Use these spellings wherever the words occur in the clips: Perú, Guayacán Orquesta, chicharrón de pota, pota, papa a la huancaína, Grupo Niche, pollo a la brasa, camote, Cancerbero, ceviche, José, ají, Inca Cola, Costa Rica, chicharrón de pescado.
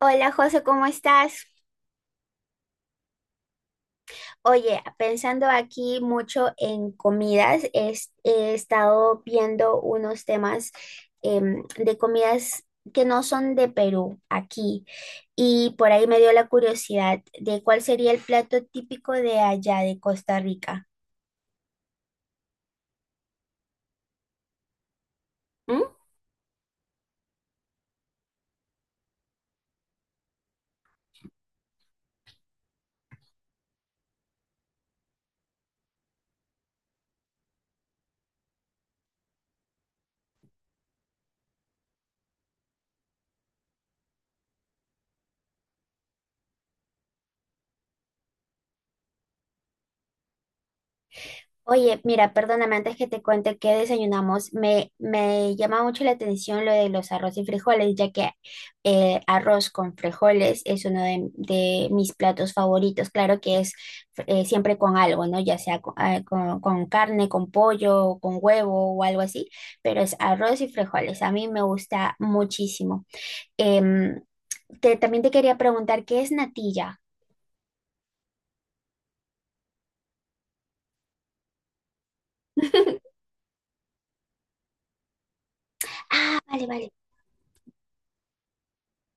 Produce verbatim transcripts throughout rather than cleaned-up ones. Hola José, ¿cómo estás? Oye, pensando aquí mucho en comidas, es- he estado viendo unos temas em, de comidas que no son de Perú, aquí, y por ahí me dio la curiosidad de cuál sería el plato típico de allá, de Costa Rica. ¿Mm? Oye, mira, perdóname antes que te cuente qué desayunamos. Me, me llama mucho la atención lo de los arroz y frijoles, ya que eh, arroz con frijoles es uno de, de mis platos favoritos. Claro que es eh, siempre con algo, ¿no? Ya sea co- ah, con, con carne, con pollo, o con huevo o algo así, pero es arroz y frijoles. A mí me gusta muchísimo. Em, te- también te quería preguntar, ¿qué es natilla? Ah, vale, vale.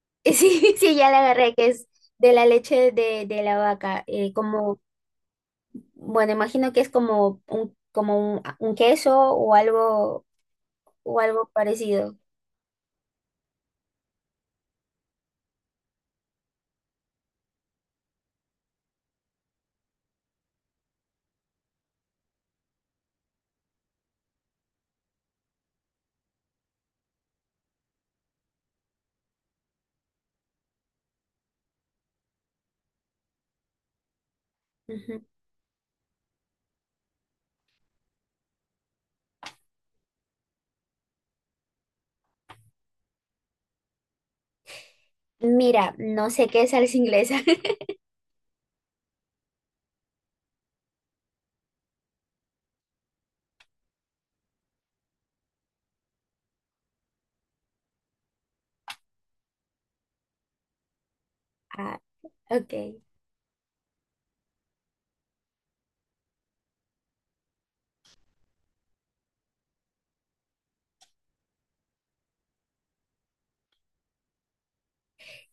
Sí, sí, ya la agarré, que es de la leche de, de la vaca. Eh, como, bueno, imagino que es como un, como un, un queso o algo, o algo parecido. Ujú. Mira, no sé qué es salsa inglesa. Ah, ok.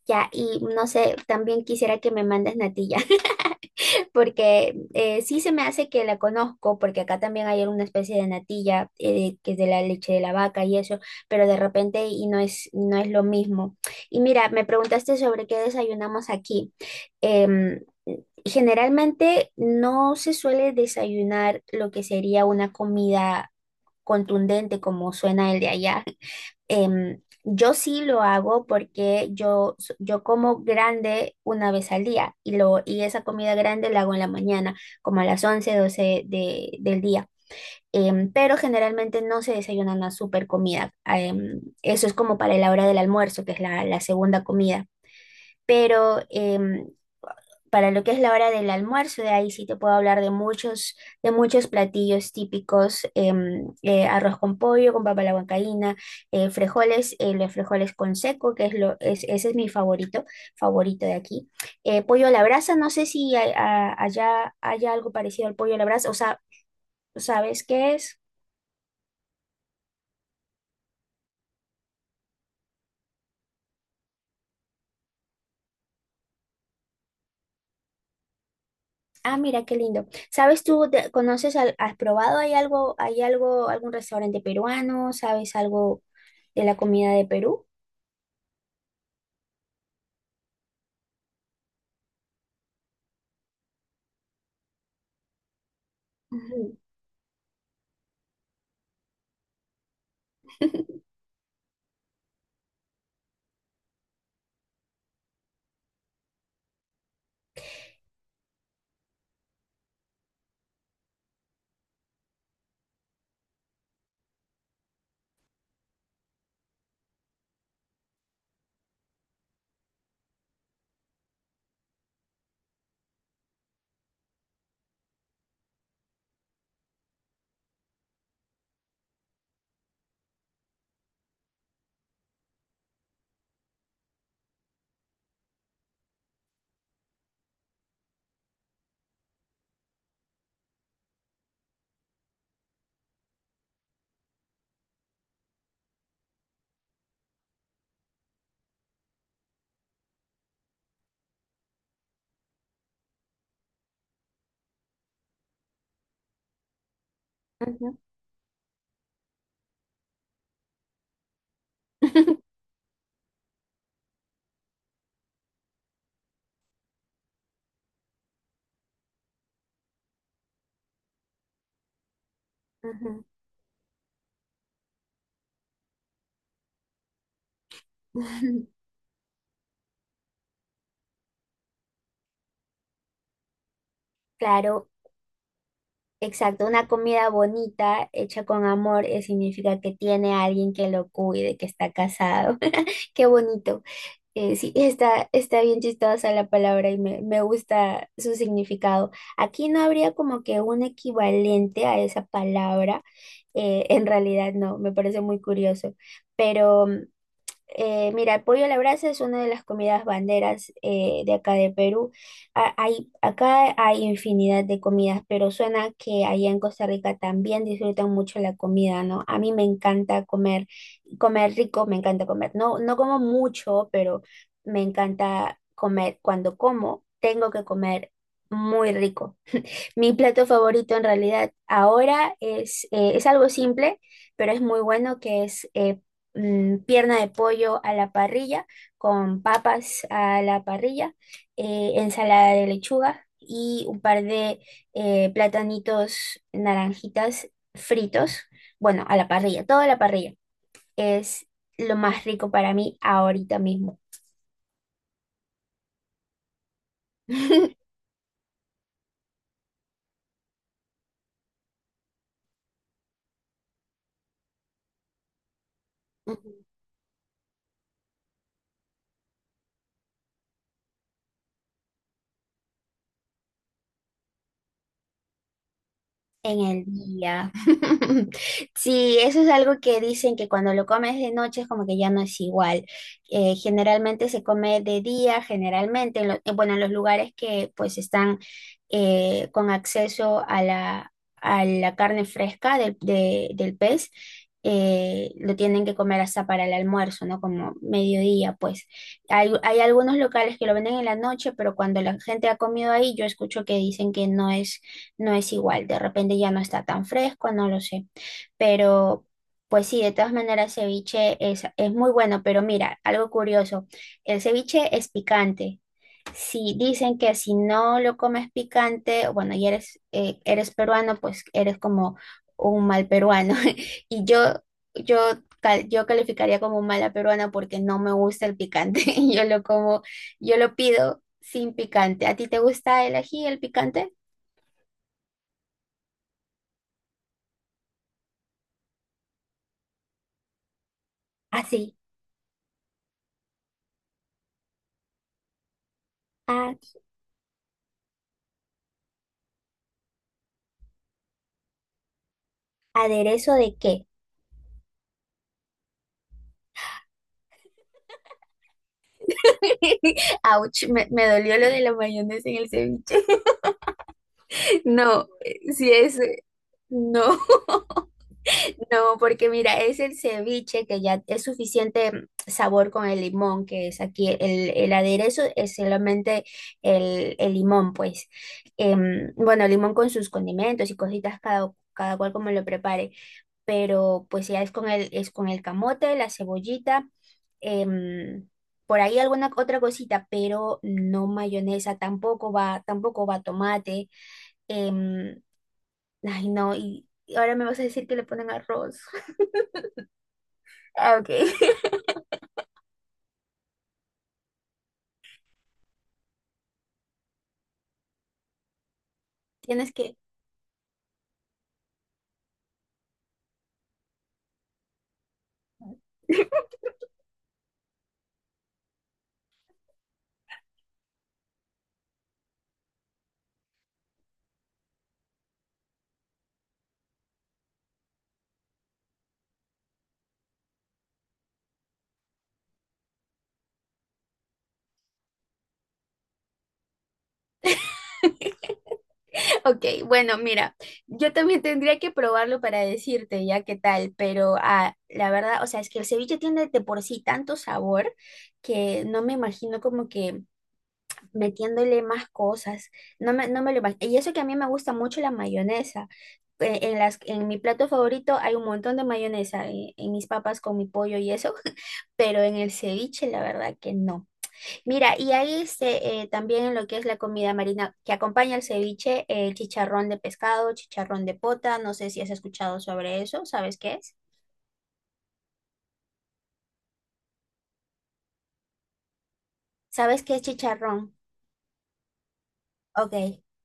Ya, y no sé, también quisiera que me mandes natilla, porque eh, sí se me hace que la conozco, porque acá también hay alguna especie de natilla eh, que es de la leche de la vaca y eso, pero de repente y no es, no es lo mismo. Y mira, me preguntaste sobre qué desayunamos aquí. Em, Generalmente no se suele desayunar lo que sería una comida contundente como suena el de allá. Em, yo sí lo hago porque yo, s- yo como grande una vez al día y, lo, y esa comida grande la hago en la mañana, como a las once doce de, del día. Em, pero generalmente no se desayuna una super comida. Em, eso es como para la hora del almuerzo, que es la, la segunda comida. Pero em, para lo que es la hora del almuerzo, de ahí sí te puedo hablar de muchos, de muchos platillos típicos, em, eh, arroz con pollo, con papa a la huancaína, eh, frijoles, eh, los frijoles con seco, que es lo, es, ese es mi favorito, favorito de aquí. Eh, pollo a la brasa, no sé si hay- a- allá haya algo parecido al pollo a la brasa, o sea, ¿sabes qué es? Ah, mira, qué lindo. ¿Sabes tú, te- conoces, al- has probado, hay algo, hay algo, algún restaurante peruano, sabes algo de la comida de Perú? Ujú. Ujú. Ujú. Claro, exacto. Una comida bonita, hecha con amor, eh, significa que tiene a alguien que lo cuide, que está casado. Qué bonito. Eh, sí, está, está bien chistosa la palabra y me, me gusta su significado. Aquí no habría como que un equivalente a esa palabra. Eh, en realidad no, me parece muy curioso. Pero eh, mira, el pollo a la brasa es una de las comidas banderas eh, de acá de Perú. A- hay, acá hay infinidad de comidas, pero suena que allá en Costa Rica también disfrutan mucho la comida, ¿no? A mí me encanta comer, comer rico, me encanta comer. No, no como mucho, pero me encanta comer. Cuando como, tengo que comer muy rico. Mi plato favorito en realidad ahora es, eh, es algo simple, pero es muy bueno, que es eh, mm, pierna de pollo a la parrilla, con papas a la parrilla, eh, ensalada de lechuga y un par de eh, platanitos naranjitas fritos, bueno, a la parrilla, todo a la parrilla. Es lo más rico para mí ahorita mismo. En el día. Sí, eso es algo que dicen que cuando lo comes de noche es como que ya no es igual. Eh, generalmente se come de día, generalmente, en lo- eh, bueno, en los lugares que pues están eh, con acceso a la, a la carne fresca del, de- del pez, eh, lo tienen que comer hasta para el almuerzo, ¿no? Como mediodía, pues. Hay, hay algunos locales que lo venden en la noche, pero cuando la gente ha comido ahí, yo escucho que dicen que no es no es igual, de repente ya no está tan fresco, no lo sé. Pero pues sí, de todas maneras ceviche es, es muy bueno, pero mira, algo curioso, el ceviche es picante. Si dicen que si no lo comes picante, bueno, y eres, eh, eres peruano, pues eres como un mal peruano. Y yo, yo, cal- yo calificaría como mala peruana porque no me gusta el picante. Yo lo como, yo lo pido sin picante. ¿A ti te gusta el ají, el picante? Así. ¿Aderezo de qué? Ouch, me, me dolió lo de la mayonesa en el ceviche. No, eh, si es, eh, no, No, porque mira, es el ceviche que ya es suficiente sabor con el limón, que es aquí el, el aderezo, es solamente el, el limón, pues. Em, bueno, el limón con sus condimentos y cositas cada, cada cual como lo prepare. Pero pues ya es con el, es con el camote, la cebollita, em, por ahí alguna otra cosita, pero no mayonesa, tampoco va, tampoco va tomate. Em, ay, no, Y y ahora me vas a decir que le ponen arroz. Ah, ok. Tienes que... Ok, bueno, mira, yo también tendría que probarlo para decirte ya qué tal, pero ah, la verdad, o sea, es que el ceviche tiene de por sí tanto sabor que no me imagino como que metiéndole más cosas. No me, no me lo imagino. Y eso que a mí me gusta mucho la mayonesa. Eh, En las, en mi plato favorito hay un montón de mayonesa, eh, en, mis papas con mi pollo y eso, pero en el ceviche la verdad que no. Mira, y ahí este, eh, también en lo que es la comida marina que acompaña el ceviche, el chicharrón de pescado, chicharrón de pota, no sé si has escuchado sobre eso, ¿sabes qué es? ¿Sabes qué es chicharrón? Ok,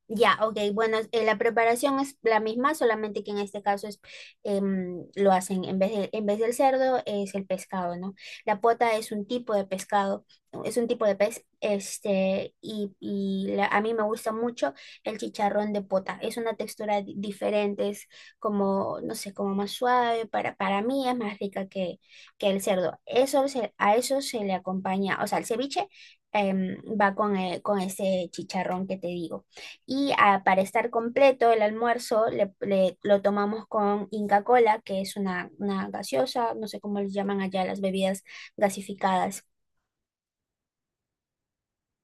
ya, ok. Bueno, eh, la preparación es la misma, solamente que en este caso es, em, lo hacen en vez de- en vez del cerdo es el pescado, ¿no? La pota es un tipo de pescado, es un tipo de pez, este, y, y la- a mí me gusta mucho el chicharrón de pota. Es una textura di- diferente, es como, no sé, como más suave, para, para mí es más rica que, que el cerdo. Eso se- a eso se le acompaña, o sea, el ceviche em, va con, eh, con ese chicharrón que te digo. Y ah, para estar completo el almuerzo le- le- lo tomamos con Inca Cola, que es una, una gaseosa, no sé cómo les llaman allá las bebidas gasificadas.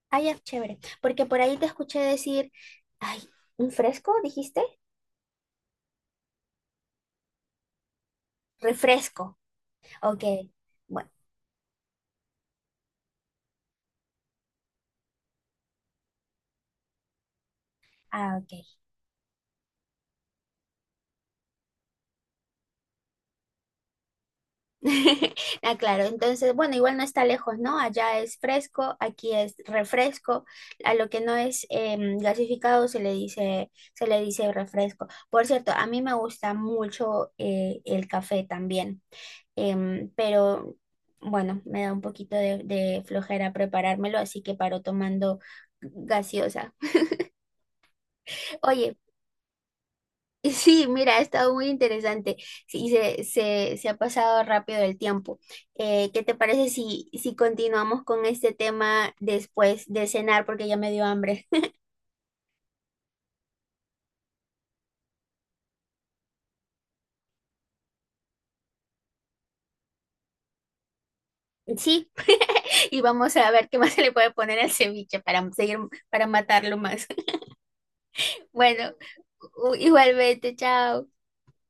Ay, ya, chévere, porque por ahí te escuché decir, ay, ¿un fresco dijiste? Refresco. Ok, bueno, ah, ok. Ah, claro, entonces, bueno, igual no está lejos, ¿no? Allá es fresco, aquí es refresco, a lo que no es em, gasificado se le dice, se le dice refresco. Por cierto, a mí me gusta mucho eh, el café también, em, pero bueno, me da un poquito de, de flojera preparármelo, así que paro tomando gaseosa. Oye, y sí, mira, ha estado muy interesante. Sí, y se, se, se ha pasado rápido el tiempo. Eh, ¿qué te parece si, si continuamos con este tema después de cenar? Porque ya me dio hambre. Sí, y vamos a ver qué más se le puede poner al ceviche para seguir, para matarlo más. Bueno, u- igualmente, chao.